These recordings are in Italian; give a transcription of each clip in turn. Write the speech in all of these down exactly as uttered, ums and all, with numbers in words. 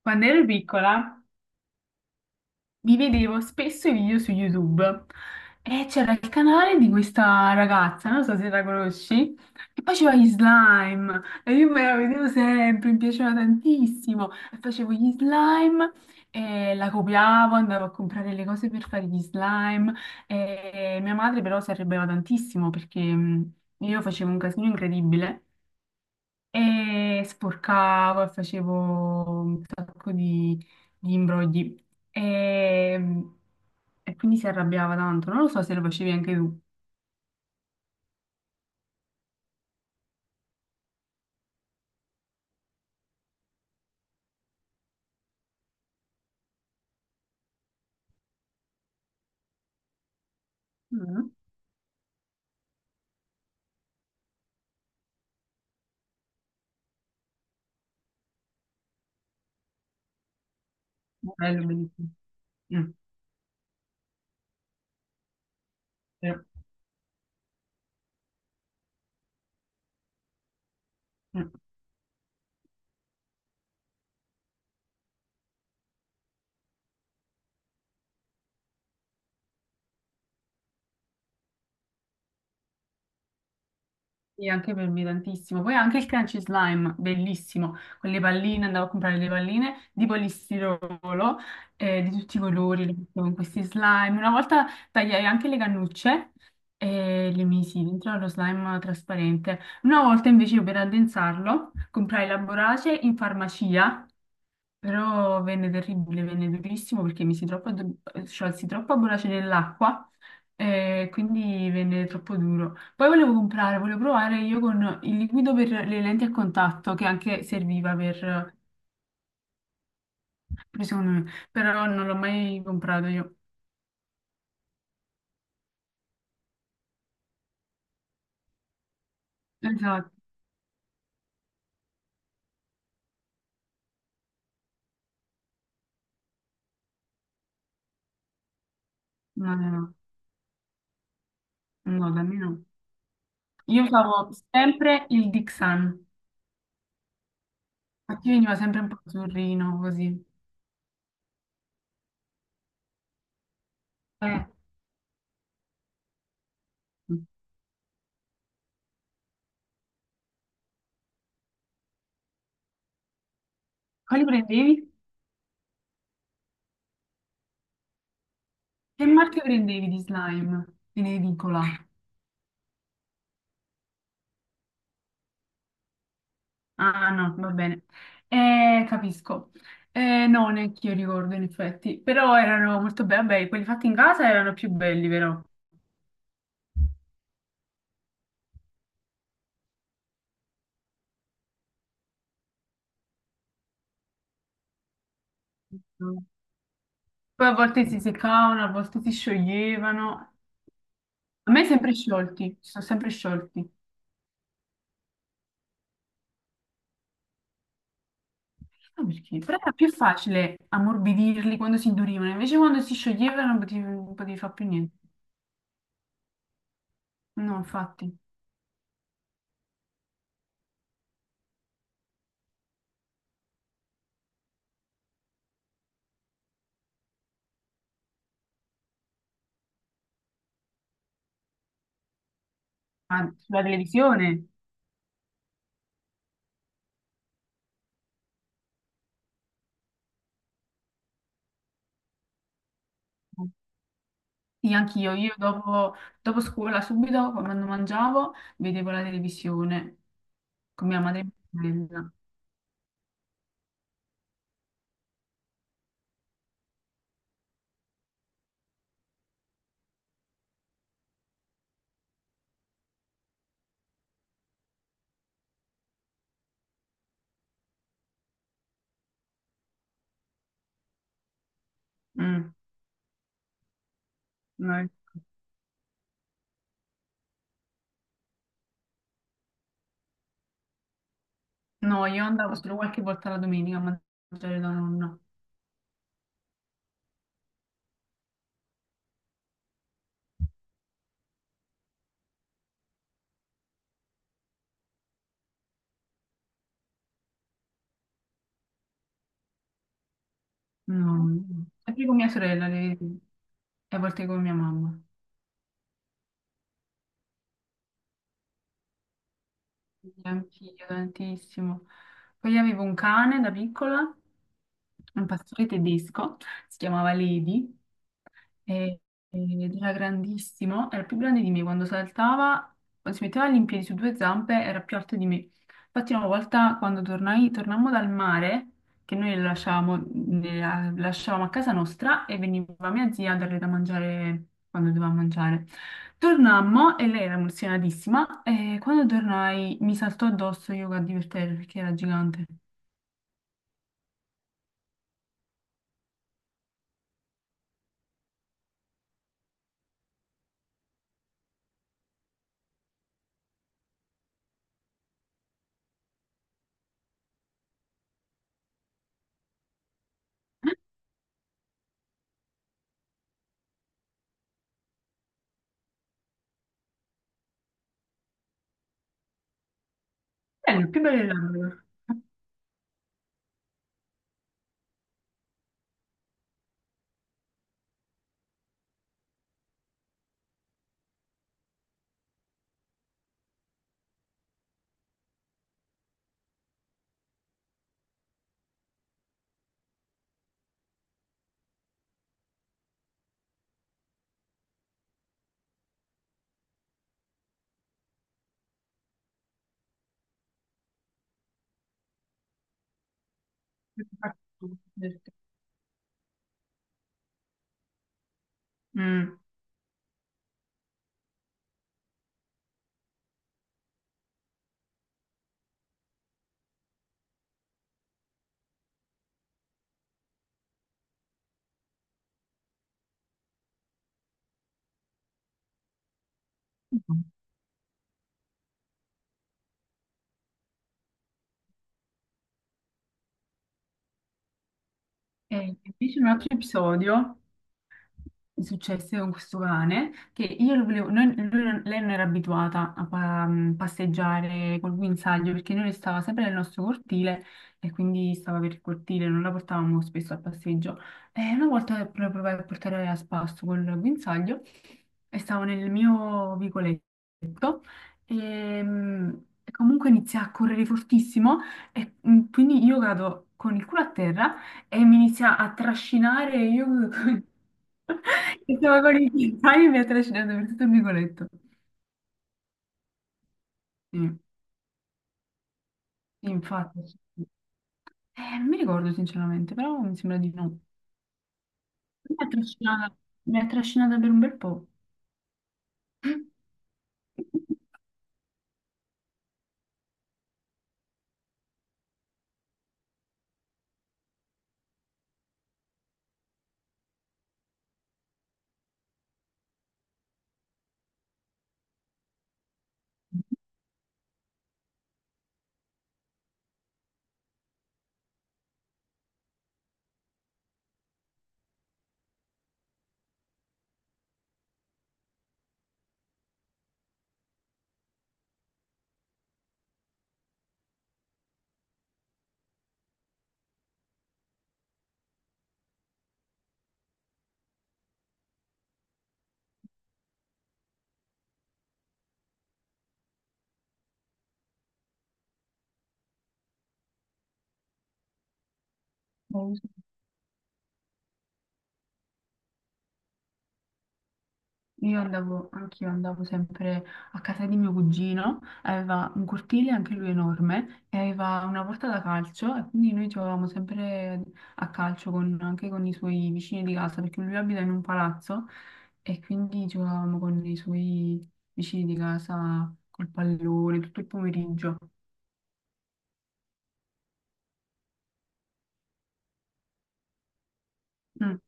Quando ero piccola mi vedevo spesso i video su YouTube e c'era il canale di questa ragazza, non so se la conosci, che faceva gli slime e io me la vedevo sempre, mi piaceva tantissimo e facevo gli slime e la copiavo, andavo a comprare le cose per fare gli slime e mia madre però si arrabbiava tantissimo perché mh, io facevo un casino incredibile e sporcavo e facevo un sacco di, di imbrogli. E, e quindi si arrabbiava tanto. Non lo so se lo facevi anche tu. Mm. Bello, bellissimo. Mm, vero. Mm. Sì, anche per me tantissimo. Poi anche il crunchy slime, bellissimo, con le palline, andavo a comprare le palline di polistirolo eh, di tutti i colori, le mettevo in questi slime. Una volta tagliai anche le cannucce e le misi dentro allo slime trasparente. Una volta invece io per addensarlo comprai la borace in farmacia però venne terribile, venne durissimo perché mi si troppo, addor- cioè, si troppo abbolace nell'acqua e quindi venne troppo duro. Poi volevo comprare, volevo provare io con il liquido per le lenti a contatto che anche serviva per, per secondo me, però non l'ho mai comprato io. Esatto, no, no, no, no, da me no. Io usavo sempre il Dixan, infatti veniva sempre un po' azzurrino così. Eh. Quali prendevi? Che marchio prendevi di slime in edicola? Ah no, va bene. Eh, capisco. Eh, no, neanche io ricordo in effetti, però erano molto belli, vabbè, quelli fatti in casa erano più belli però. Mm. Poi a volte si seccavano, a volte si scioglievano. A me sempre sciolti, si sono sempre sciolti. Non so perché? Però era più facile ammorbidirli quando si indurivano, invece quando si scioglievano non potevi, non potevi fare più niente. No, infatti. Ma sulla televisione? Sì, anch'io, io dopo, dopo scuola, subito quando mangiavo, vedevo la televisione con mia madre e mia sorella. Mm, noi- no, io andavo solo qualche volta la domenica a mangiare da nonna. No. Sempre con mia sorella, le- vedevo, e a volte con mia mamma. Sì, anch'io tantissimo. Poi avevo un cane da piccola, un pastore tedesco, si chiamava Levi, e- ed era grandissimo, era più grande di me, quando saltava, quando si metteva in piedi su due zampe, era più alto di me. Infatti una volta quando tornai, tornammo dal mare, che noi lo lasciavamo, ne- la- lasciavamo a casa nostra e veniva mia zia a darle da mangiare quando doveva mangiare. Tornammo e lei era emozionatissima e quando tornai mi saltò addosso Yoga di per terra perché era gigante. Bello, il più bello dell'anno. Mm. E invece un altro episodio successe con questo cane che io lo volevo, noi- lui non- lei non era abituata a pa- mm, passeggiare col guinzaglio perché noi stava sempre nel nostro cortile e quindi stava per il cortile, non la portavamo spesso al passeggio. E una volta pro- provai a portare a spasso col guinzaglio e stavo nel mio vicoletto e mh, comunque inizia a correre fortissimo e mh, quindi io cado con il culo a terra e mi inizia a trascinare e io che stavo con i piedi mi ha trascinato per tutto il vicoletto. Sì, infatti. Sì, sì. Eh, non mi ricordo sinceramente, però mi sembra di no. Mi ha trascinata, mi ha trascinata per un bel po'. Io andavo, anch'io andavo sempre a casa di mio cugino, aveva un cortile anche lui enorme e aveva una porta da calcio e quindi noi giocavamo sempre a calcio con- anche con i suoi vicini di casa perché lui abita in un palazzo e quindi giocavamo con i suoi vicini di casa col pallone tutto il pomeriggio. Mm,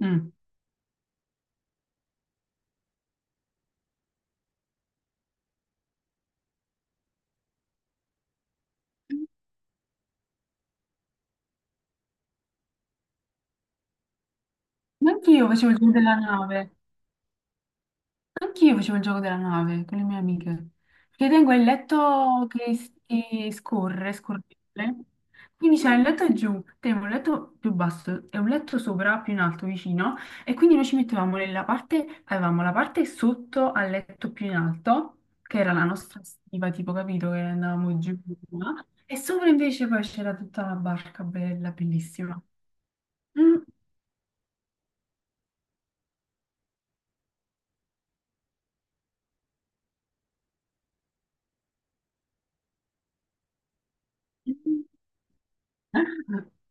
mm. Anch'io facevo il giro della nave. Anch'io facevo il gioco della nave con le mie amiche, perché tengo il letto che, s- che scorre, scorrevole, quindi c'è il letto giù, tenevo un letto più basso e un letto sopra, più in alto, vicino, e quindi noi ci mettevamo nella parte, avevamo la parte sotto al letto più in alto, che era la nostra stiva, tipo, capito, che andavamo giù, là, e sopra invece poi c'era tutta la barca bella, bellissima. Mm.